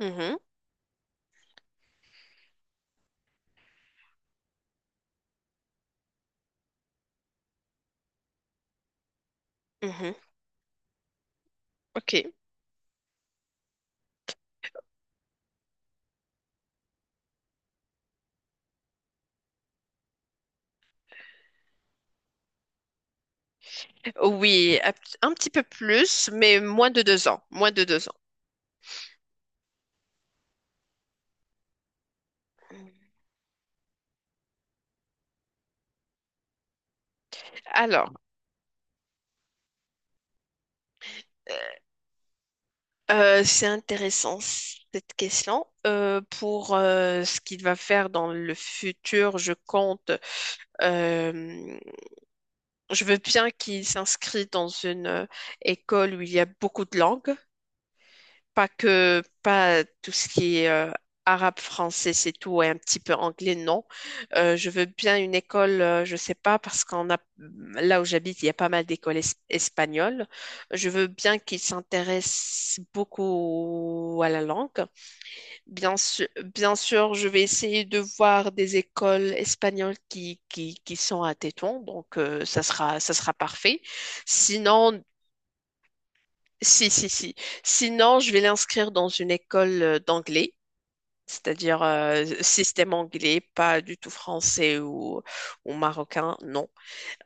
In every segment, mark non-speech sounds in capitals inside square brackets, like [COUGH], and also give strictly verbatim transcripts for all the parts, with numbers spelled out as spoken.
Mhm, mhm, ok. Oui, un p- un petit peu plus, mais moins de deux ans. Moins de deux ans. Alors, euh, c'est intéressant cette question. Euh, pour euh, ce qu'il va faire dans le futur, je compte. euh, je veux bien qu'il s'inscrit dans une euh, école où il y a beaucoup de langues. Pas que, pas tout ce qui est euh, arabe, français, c'est tout, et un petit peu anglais, non. Euh, je veux bien une école, euh, je sais pas, parce qu'on a, là où j'habite, il y a pas mal d'écoles es- espagnoles. Je veux bien qu'ils s'intéressent beaucoup à la langue. Bien sûr, bien sûr, je vais essayer de voir des écoles espagnoles qui, qui, qui sont à Tétouan, donc euh, ça sera, ça sera parfait. Sinon, si, si, si. Sinon, je vais l'inscrire dans une école euh, d'anglais, c'est-à-dire euh, système anglais, pas du tout français ou, ou marocain, non.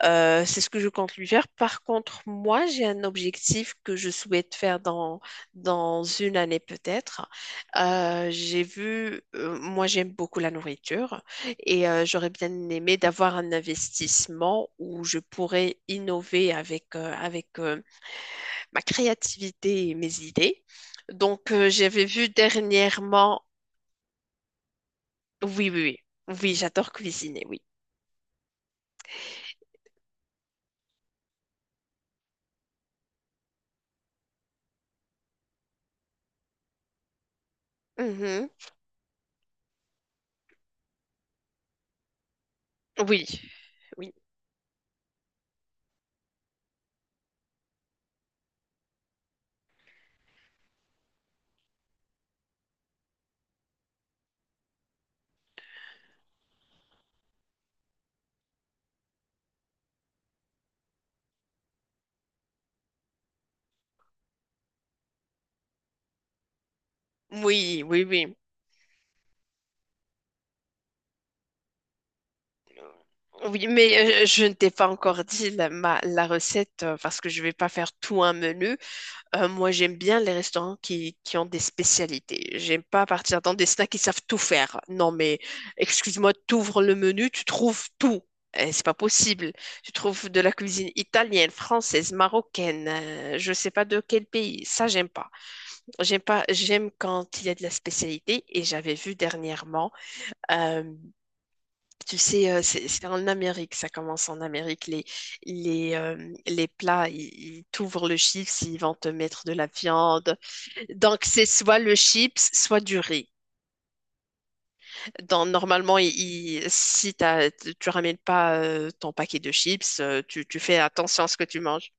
Euh, c'est ce que je compte lui faire. Par contre, moi, j'ai un objectif que je souhaite faire dans, dans une année peut-être. Euh, j'ai vu, euh, moi, j'aime beaucoup la nourriture et euh, j'aurais bien aimé d'avoir un investissement où je pourrais innover avec, euh, avec euh, ma créativité et mes idées. Donc, euh, j'avais vu dernièrement. Oui, oui, oui. Oui, j'adore cuisiner, oui. Mhm. Oui, oui. Oui, oui, oui. Oui, mais euh, je ne t'ai pas encore dit la, ma- la recette euh, parce que je vais pas faire tout un menu. Euh, moi, j'aime bien les restaurants qui, qui ont des spécialités. J'aime pas partir dans des snacks qui savent tout faire. Non, mais excuse-moi, t'ouvres le menu, tu trouves tout. Eh, c'est pas possible. Tu trouves de la cuisine italienne, française, marocaine, euh, je sais pas de quel pays. Ça, j'aime pas. J'aime pas, j'aime quand il y a de la spécialité. Et j'avais vu dernièrement, euh, tu sais, euh, c'est c'est en Amérique, ça commence en Amérique, les, les, euh, les plats, ils ils t'ouvrent le chiffre, ils vont te mettre de la viande. Donc, c'est soit le chips, soit du riz. Donc, normalement, il- il- si t'as- tu tu ramènes pas euh, ton paquet de chips, euh, tu, tu fais attention à ce que tu manges.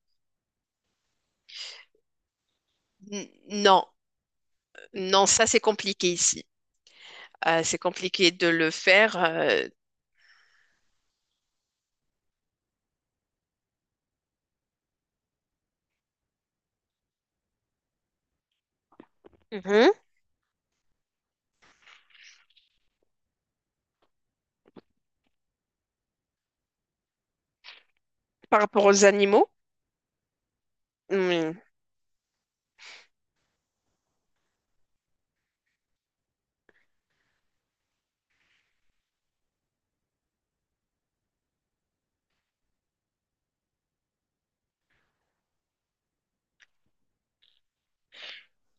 N- non, non, ça, c'est compliqué ici. Euh, c'est compliqué de le faire euh, Mhm. Par rapport aux animaux? Mm.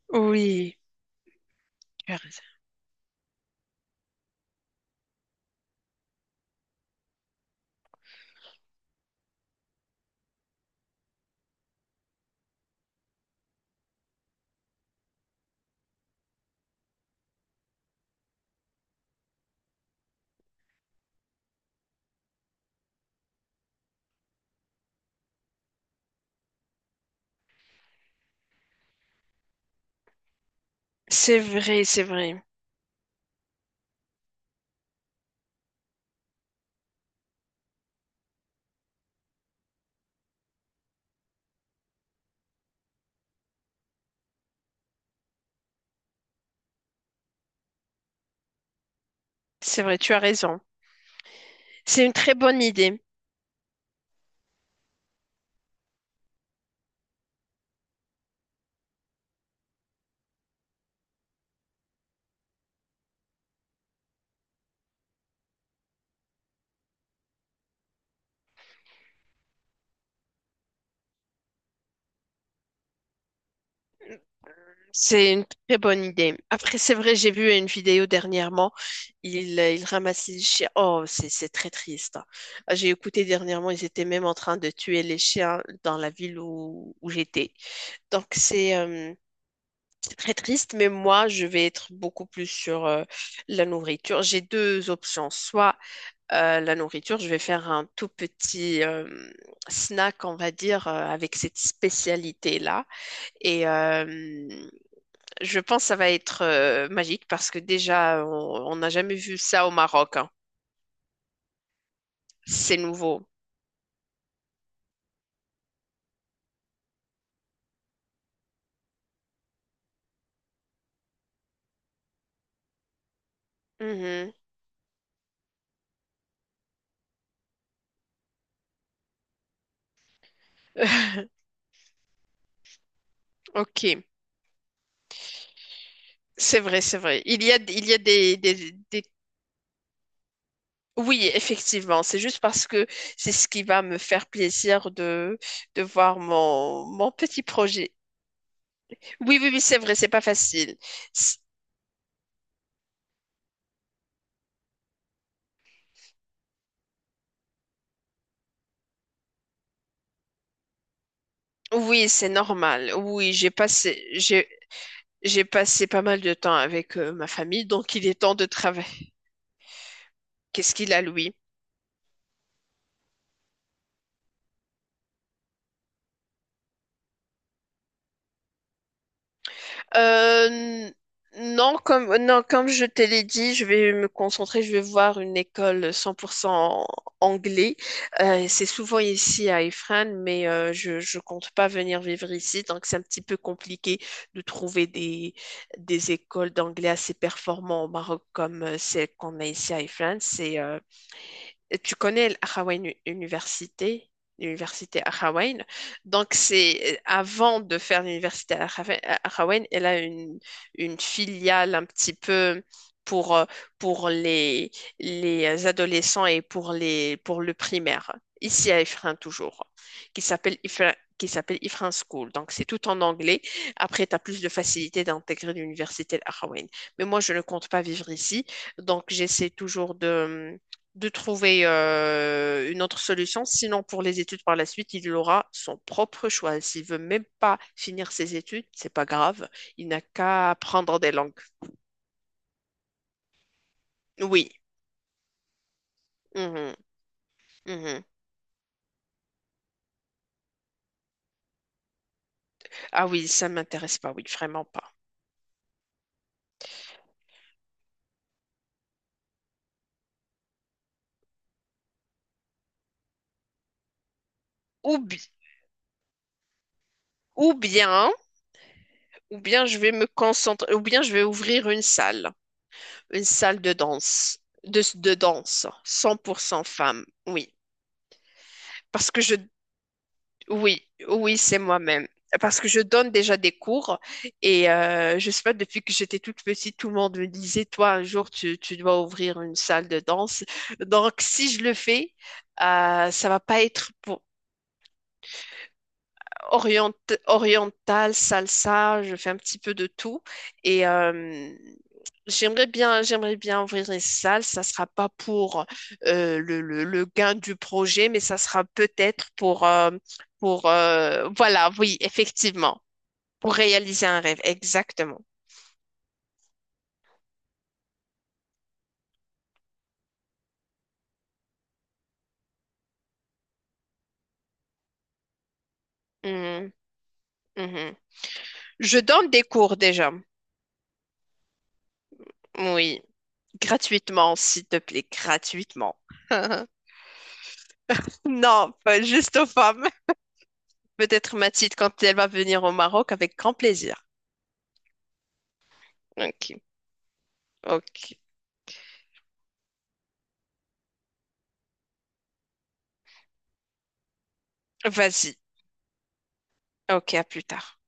Oui, tu as raison. C'est vrai, c'est vrai. C'est vrai, tu as raison. C'est une très bonne idée. C'est une très bonne idée. Après, c'est vrai, j'ai vu une vidéo dernièrement. Ils, ils ramassaient les chiens. Oh, c'est c'est très triste. Ah, J'ai écouté dernièrement, ils étaient même en train de tuer les chiens dans la ville où, où j'étais. Donc, c'est euh, c'est très triste, mais moi, je vais être beaucoup plus sur euh, la nourriture. J'ai deux options. Soit euh, la nourriture, je vais faire un tout petit euh, snack, on va dire, euh, avec cette spécialité-là. Et. euh, je pense que ça va être euh, magique parce que déjà, on on n'a jamais vu ça au Maroc. hein. C'est nouveau. Mhm. [LAUGHS] Ok, c'est vrai, c'est vrai. Il y a, il y a des, des- des- Oui, effectivement, c'est juste parce que c'est ce qui va me faire plaisir de, de voir mon, mon petit projet. Oui, oui, oui, c'est vrai, c'est pas facile. C- Oui, c'est normal. Oui, j'ai passé, j'ai, j'ai passé pas mal de temps avec euh, ma famille, donc il est temps de travailler. Qu'est-ce qu'il a, lui? Euh, non, comme, non, comme je te l'ai dit, je vais me concentrer, je vais voir une école cent pour cent anglais. Euh, c'est souvent ici à Ifrane, mais euh, je, je compte pas venir vivre ici, donc c'est un petit peu compliqué de trouver des, des écoles d'anglais assez performantes au Maroc comme euh, celles qu'on a ici à Ifrane. C'est euh, Tu connais l'Ahrawaïne Université, l'université Ahrawaïne. Donc, c'est avant de faire l'université Ahrawa- Ahrawaïne, elle a une, une filiale un petit peu pour, euh, pour les, les adolescents et pour, les, pour le primaire, ici à Ifrin toujours, qui s'appelle Ifrin. Qui s'appelle Ifrin School. Donc, c'est tout en anglais. Après, tu as plus de facilité d'intégrer l'université Al-Ahrawaïne. Mais moi, je ne compte pas vivre ici. Donc, j'essaie toujours de, de trouver euh, une autre solution. Sinon, pour les études par la suite, il aura son propre choix. S'il veut même pas finir ses études, c'est pas grave. Il n'a qu'à apprendre des langues. Oui. Mhm. Mhm. Ah oui, ça m'intéresse pas. Oui, vraiment pas. Ou, bi- ou bien, ou bien je vais me concentrer, ou bien je vais ouvrir une salle, une salle, de danse, de, de danse, cent pour cent femme. Oui. Parce que je Oui, oui, c'est moi-même. Parce que je donne déjà des cours et euh, je sais pas, depuis que j'étais toute petite, tout le monde me disait, toi, un jour, tu, tu dois ouvrir une salle de danse. Donc, si je le fais, euh, ça va pas être pour Orient, oriental, salsa, je fais un petit peu de tout. Et euh, j'aimerais bien, j'aimerais bien ouvrir une salle. Ça sera pas pour euh, le, le- le gain du projet, mais ça sera peut-être pour, euh, pour euh, voilà, oui, effectivement, pour réaliser un rêve, exactement. Mhm, mhm. Je donne des cours déjà, oui, gratuitement, s'il te plaît, gratuitement. [LAUGHS] Non, pas juste aux femmes. Peut-être Mathilde quand elle va venir au Maroc avec grand plaisir. Ok, ok. Vas-y. Ok, à plus tard.